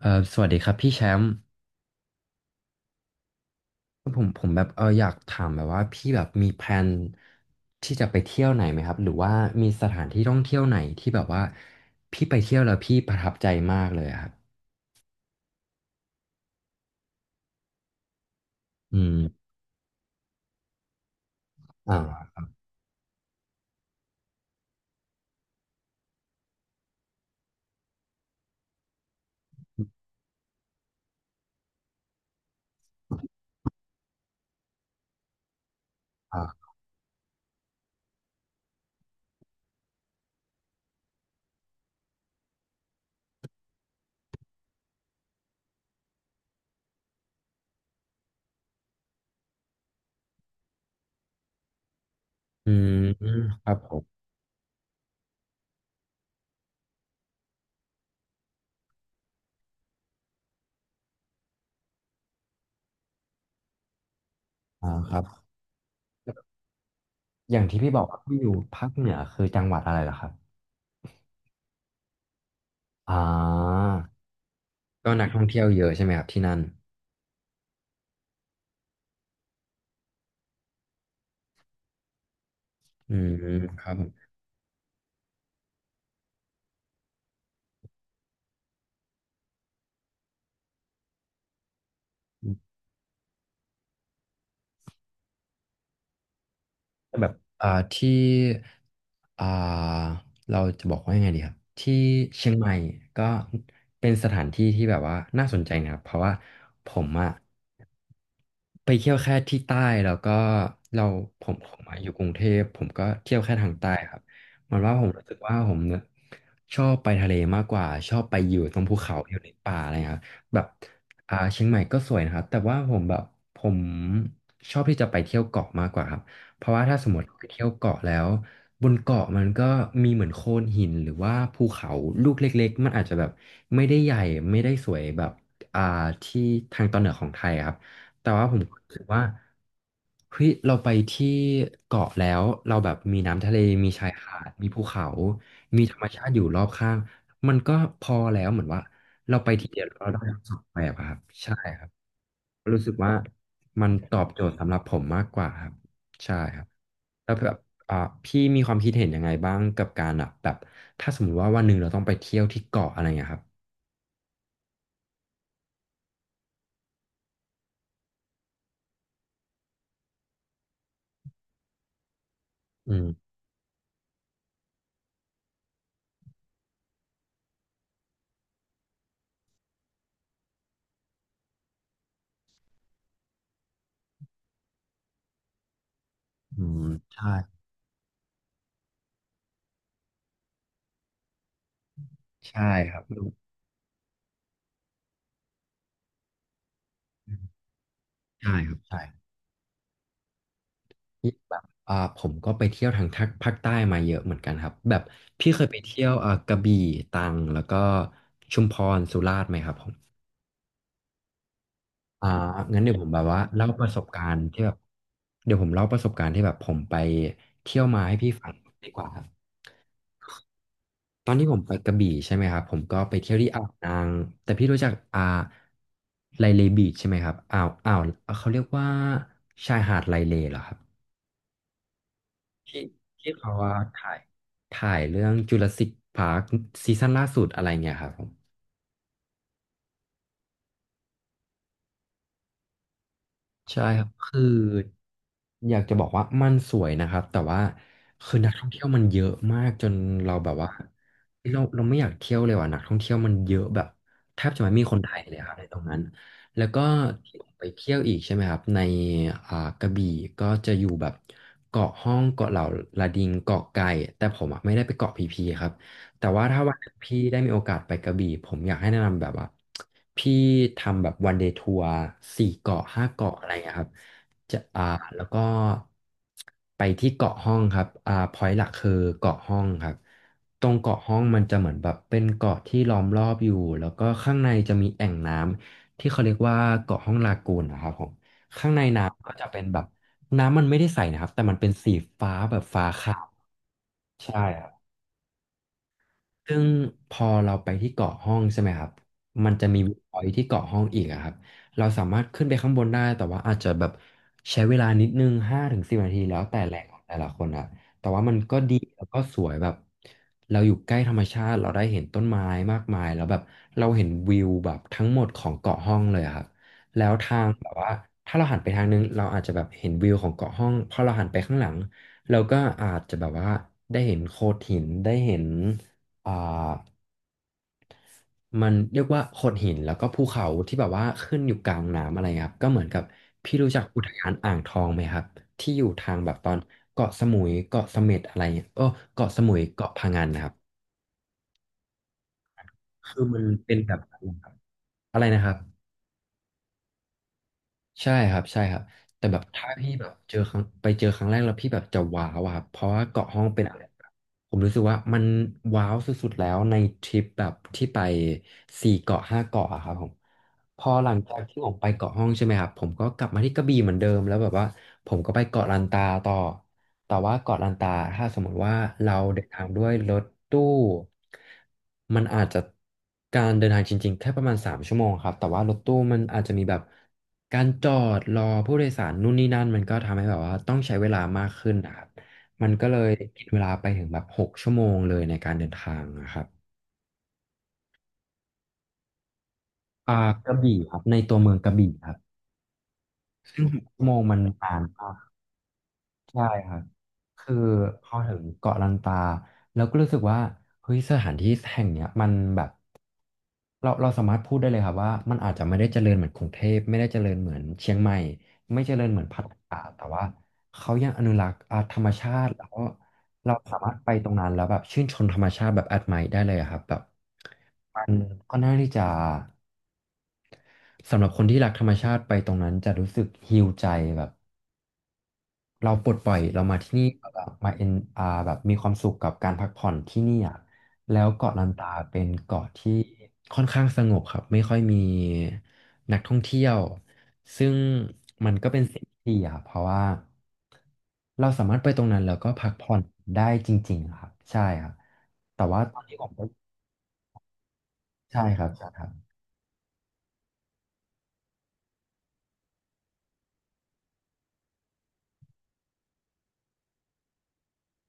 สวัสดีครับพี่แชมป์ผมแบบอยากถามแบบว่าพี่แบบมีแพลนที่จะไปเที่ยวไหนไหมครับหรือว่ามีสถานที่ท่องเที่ยวไหนที่แบบว่าพี่ไปเที่ยวแล้วพี่ประทับใจมากเลยอะครับอืมอ่าอ่าอืมครับผมอ่าครับอย่างที่พี่บอกว่าพี่อยู่ภาคเหนือคือจังหวัดอะไรเหรอครับอ่าก็นักท่องเที่ยวเยอะใช่ไหมครับที่นั่นอืมครับ แบบอ่าที่อ่าเราจะบอกว่ายังไงดีครับที่เชียงใหม่ก็เป็นสถานที่ที่แบบว่าน่าสนใจนะครับเพราะว่าผมอะไปเที่ยวแค่ที่ใต้แล้วก็เราผมมาอยู่กรุงเทพผมก็เที่ยวแค่ทางใต้ครับเหมันว่าผมรู้สึกว่าผมเนี่ยชอบไปทะเลมากกว่าชอบไปอยู่ตรงภูเขาอยู่ในป่าอะไรครับแบบอ่าเชียงใหม่ก็สวยนะครับแต่ว่าผมแบบผมชอบที่จะไปเที่ยวเกาะมากกว่าครับ เพราะว่าถ้าสมมติไปเที่ยวเกาะแล้วบนเกาะมันก็มีเหมือนโขดหินหรือว่าภูเขาลูกเล็กๆมันอาจจะแบบไม่ได้ใหญ่ไม่ได้สวยแบบอ่าที่ทางตอนเหนือของไทยอะครับแต่ว่าผมรู้สึกว่าเฮ้ยเราไปที่เกาะแล้วเราแบบมีน้ำทะเลมีชายหาดมีภูเขามีธรรมชาติอยู่รอบข้างมันก็พอแล้วเหมือนว่าเราไปทีเดียวเราได้ประสบไปอะครับใช่ครับ รู้สึกว่ามันตอบโจทย์สำหรับผมมากกว่าครับใช่ครับแล้วแบบอ่าพี่มีความคิดเห็นยังไงบ้างกับการอ่ะแบบถ้าสมมติว่าวันหนึ่งเราต้องไปเที่ยวที่เกาะอะไรเงี้ยครับอืมอืมใช่ใช่ครับอืมใช่ครับใช่นี่แบบอ่าผมก็ไปเที่ยวทางทางภาคใต้มาเยอะเหมือนกันครับแบบพี่เคยไปเที่ยวอ่ากระบี่ตรังแล้วก็ชุมพรสุราษฎร์ไหมครับผม อ่างั้นเดี๋ยวผมแบบว่าเล่าประสบการณ์ที่แบบเดี๋ยวผมเล่าประสบการณ์ที่แบบผมไปเที่ยวมาให้พี่ฟังดีกว่าครับตอนที่ผมไปกระบี่ใช่ไหมครับผมก็ไปเที่ยวที่อ่าวนางแต่พี่รู้จักอ่าไลเลบีชใช่ไหมครับอ่าวอ่าวเขาเรียกว่าชายหาดไลเลเหรอครับที่ที่เขาว่าถ่ายเรื่องจูราสสิคพาร์คซีซั่นล่าสุดอะไรเงี้ยครับผม ใช่ครับคืออยากจะบอกว่ามันสวยนะครับแต่ว่าคือนักท่องเที่ยวมันเยอะมากจนเราแบบว่าเฮ้ยเราไม่อยากเที่ยวเลยว่ะนักท่องเที่ยวมันเยอะแบบแทบจะไม่มีคนไทยเลยครับในตรงนั้นแล้วก็ที่ผมไปเที่ยวอีกใช่ไหมครับในอ่ากระบี่ก็จะอยู่แบบเกาะห้องเกาะเหล่าลาดิงเกาะไก่แต่ผมอะไม่ได้ไปเกาะพีพีครับ แต่ว่าถ้าวันหนึ่งพี่ได้มีโอกาสไปกระบี่ผมอยากให้แนะนำแบบว่าพี่ทำแบบวันเดย์ทัวร์สี่เกาะห้าเกาะอะไรอย่างเงี้ยครับจะอ่าแล้วก็ไปที่เกาะห้องครับอ่าพอยต์หลักคือเกาะห้องครับตรงเกาะห้องมันจะเหมือนแบบเป็นเกาะที่ล้อมรอบอยู่แล้วก็ข้างในจะมีแอ่งน้ำที่เขาเรียกว่าเกาะห้องลากูนนะครับผมข้างในน้ำก็จะเป็นแบบน้ำมันไม่ได้ใสนะครับแต่มันเป็นสีฟ้าแบบฟ้าขาวใช่ ซึ่งพอเราไปที่เกาะห้องใช่ไหมครับมันจะมีวิวพอยท์ที่เกาะห้องอีกอะครับเราสามารถขึ้นไปข้างบนได้แต่ว่าอาจจะแบบใช้เวลานิดนึง5 ถึง 10 นาทีแล้วแต่แหล่งของแต่ละคนอะแต่ว่ามันก็ดีแล้วก็สวยแบบเราอยู่ใกล้ธรรมชาติเราได้เห็นต้นไม้มากมายแล้วแบบเราเห็นวิวแบบทั้งหมดของเกาะห้องเลยอะครับแล้วทางแบบว่าถ้าเราหันไปทางนึงเราอาจจะแบบเห็นวิวของเกาะห้องพอเราหันไปข้างหลังเราก็อาจจะแบบว่าได้เห็นโขดหินได้เห็น เอ่ามันเรียกว่าโขดหินแล้วก็ภูเขาที่แบบว่าขึ้นอยู่กลางน้ำอะไรครับก็เหมือนกับพี่รู้จักอุทยานอ่างทองไหมครับที่อยู่ทางแบบตอนเกาะสมุยเกาะเสม็ดอะไรเงี้ยโอ้เกาะสมุยเกาะพะงันนะครับคือมันเป็นแบบนั้นครับอะไรนะครับ ใช่ครับใช่ครับแต่แบบถ้าพี่แบบเจอครั้งแรกแล้วพี่แบบจะว้าวอะครับเพราะว่าเกาะห้องเป็นอะไรแบบผมรู้สึกว่ามันว้าวสุดๆแล้วในทริปแบบที่ไปสี่เกาะห้าเกาะอะครับผมพอหลังจากที่ผมไปเกาะห้องใช่ไหมครับผมก็กลับมาที่กระบี่เหมือนเดิมแล้วแบบว่าผมก็ไปเกาะลันตาต่อแต่ว่าเกาะลันตาถ้าสมมติว่าเราเดินทางด้วยรถตู้ มันอาจจะการเดินทางจริงๆแค่ประมาณ3 ชั่วโมงครับแต่ว่ารถตู้มันอาจจะมีแบบการจอดรอผู้โดยสารนู่นนี่นั่นมันก็ทำให้แบบว่าต้องใช้เวลามากขึ้นนะครับมันก็เลยกินเวลาไปถึงแบบหกชั่วโมงเลยในการเดินทางนะครับอ่ากระบี่ครับในตัวเมืองกระบี่ครับซึ่งหกชั่วโมงมันนานมากใช่ครับคือพอถึงเกาะลันตาแล้วก็รู้สึกว่าเฮ้ยสถานที่แห่งเนี้ยมันแบบ เราสามารถพูดได้เลยครับว่ามันอาจจะไม่ได้เจริญเหมือนกรุงเทพไม่ได้เจริญเหมือนเชียงใหม่ไม่เจริญเหมือนพัทยาแต่ว่าเขายังอนุรักษ์ธรรมชาติแล้วเราสามารถไปตรงนั้นแล้วแบบชื่นชมธรรมชาติแบบแอดไมร์ได้เลยอะครับแบบมันก่น่้าที่จะสำหรับคนที่รักธรรมชาติไปตรงนั้นจะรู้สึกฮีลใจแบบ เราปลดปล่อยเรามาที่นี่แบบมาเอ็นอาแบบมีความสุขกับการพักผ่อนที่นี่อ่ะแล้วเกาะลันตาเป็นเกาะที่ค่อนข้างสงบครับไม่ค่อยมีนักท่องเที่ยวซึ่งมันก็เป็นสิ่งที่ดีอ่ะเพราะว่าเราสามารถไปตรงนั้นแล้วก็พักผ่อนได้จริงๆอะครับใช่ครับแต่ว่าตอนนี้ผมก็ใช่ครับใช่ครับ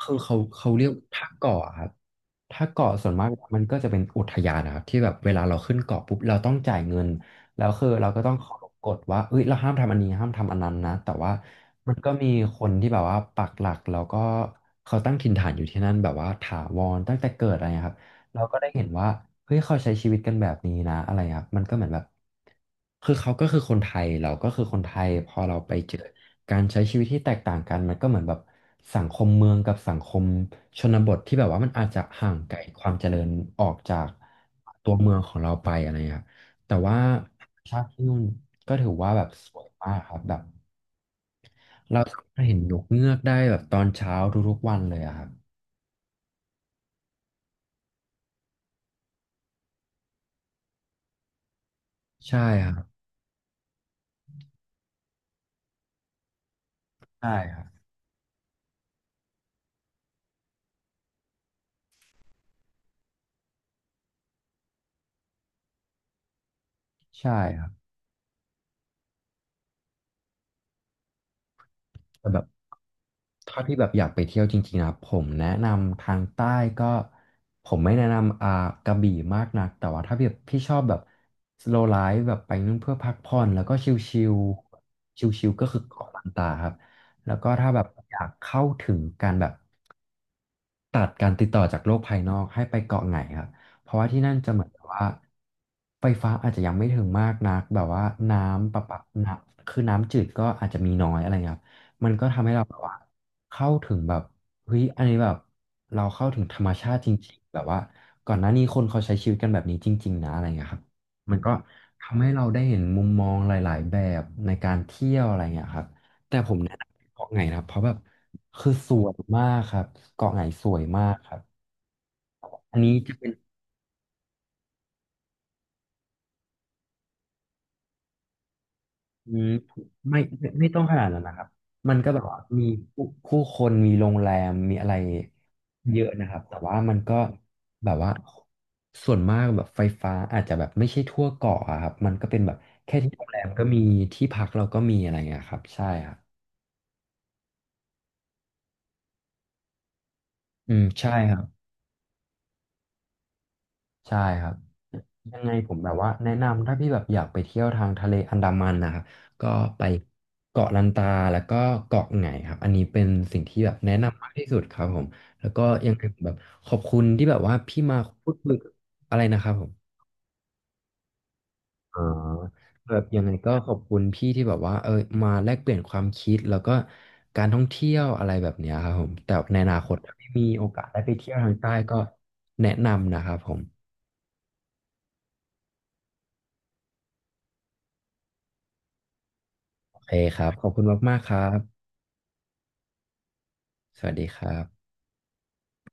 คือเขาเรียกถ้าเกาะอะครับถ้าเกาะส่วนมากมันก็จะเป็นอุทยานนะครับที่แบบเวลาเราขึ้นเกาะปุ๊บเราต้องจ่ายเงินแล้วคือเราก็ต้องเคารพกฎว่าเอ้ยเราห้ามทำอันนี้ห้ามทำอันนั้นนะแต่ว่ามันก็มีคนที่แบบว่าปักหลักแล้วก็เขาตั้งถิ่นฐานอยู่ที่นั่นแบบว่าถาวรตั้งแต่เกิดอะไรนะครับเราก็ได้เห็นว่าเฮ้ยเขาใช้ชีวิตกันแบบนี้นะอะไรครับมันก็เหมือนแบบคือเขาก็คือคนไทยเราก็คือคนไทยพอเราไปเจอ การใช้ชีวิตที่แตกต่างกันมันก็เหมือนแบบสังคมเมืองกับสังคมชนบทที่แบบว่ามันอาจจะห่างไกลความเจริญออกจากตัวเมืองของเราไปอะไรเงี้ยแต่ว่าธรรมชาติที่นู่นก็ถือว่าแบบสวยมากครับแบบเราสามารถเห็นนกเงือกได้แบบตอนเช้าทุกๆวันเลยอะครับใช่ครับใช่ครับใช่ครับแต่แบบ ถ้าพี่แบบอยากไปเที่ยวจริงๆนะผมแนะนำทางใต้ก็ผมไม่แนะนำกระบี่มากนักแต่ว่าถ้าแบบพี่ชอบแบบ slow life แบบไปนู่นเพื่อพักผ่อนแล้วก็ชิลๆชิลๆก็คือเกาะลันตาครับแล้วก็ถ้าแบบอยากเข้าถึงการแบบ ตัดการติดต่อจากโลกภายนอกให้ไปเกาะไหนครับเพราะว่าที่นั่นจะเหมือนกับว่าไฟฟ้าอาจจะยังไม่ถึงมากนักแบบว่าน้ำประปาน้ำคือน้ำจืดก็อาจจะมีน้อยอะไรเงี้ยครับมันก็ทำให้เราแบบว่าเข้าถึงแบบเฮ้ยอันนี้แบบเราเข้าถึงธรรมชาติจริงๆแบบว่าก่อนหน้านี้คนเขาใช้ชีวิตกันแบบนี้จริงๆนะอะไรเงี้ยครับมันก็ทำให้เราได้เห็นมุมมองหลายๆแบบในการเที่ยวอะไรเงี้ยครับ แต่ผมแนะนำเกาะไหงนะครับเพราะแบบคือสวยมากครับเกาะไหงสวยมากครับอันนี้จะเป็นอืมไม่ไม่ต้องขนาดนั้นนะครับมันก็แบบว่ามีผู้คนมีโรงแรมมีอะไรเยอะนะครับแต่ว่ามันก็แบบว่าส่วนมากแบบไฟฟ้าอาจจะแบบไม่ใช่ทั่วเกาะอะครับมันก็เป็นแบบแค่ที่โรงแรมก็มีที่พักเราก็มีอะไรอย่างเงี้ยครับใช่ครับอืมใช่ครับ ใช่ครับยังไงผมแบบว่าแนะนำถ้าพี่แบบอยากไปเที่ยวทางทะเลอันดามันนะครับก็ไปเกาะลันตาแล้วก็เกาะไหงครับอันนี้เป็นสิ่งที่แบบแนะนำมากที่สุดครับผมแล้วก็ยังไงแบบขอบคุณที่แบบว่าพี่มาพูดคุยอะไรนะครับผมอ๋อแบบยังไงก็ขอบคุณพี่ที่แบบว่าเออมาแลกเปลี่ยนความคิดแล้วก็การท่องเที่ยวอะไรแบบเนี้ยครับผมแต่ในอนาคตถ้าพี่มีโอกาสได้ไปเที่ยวทางใต้ก็แนะนำนะครับผมโอเคครับขอบคุณมากๆครับ สวัสดีครับ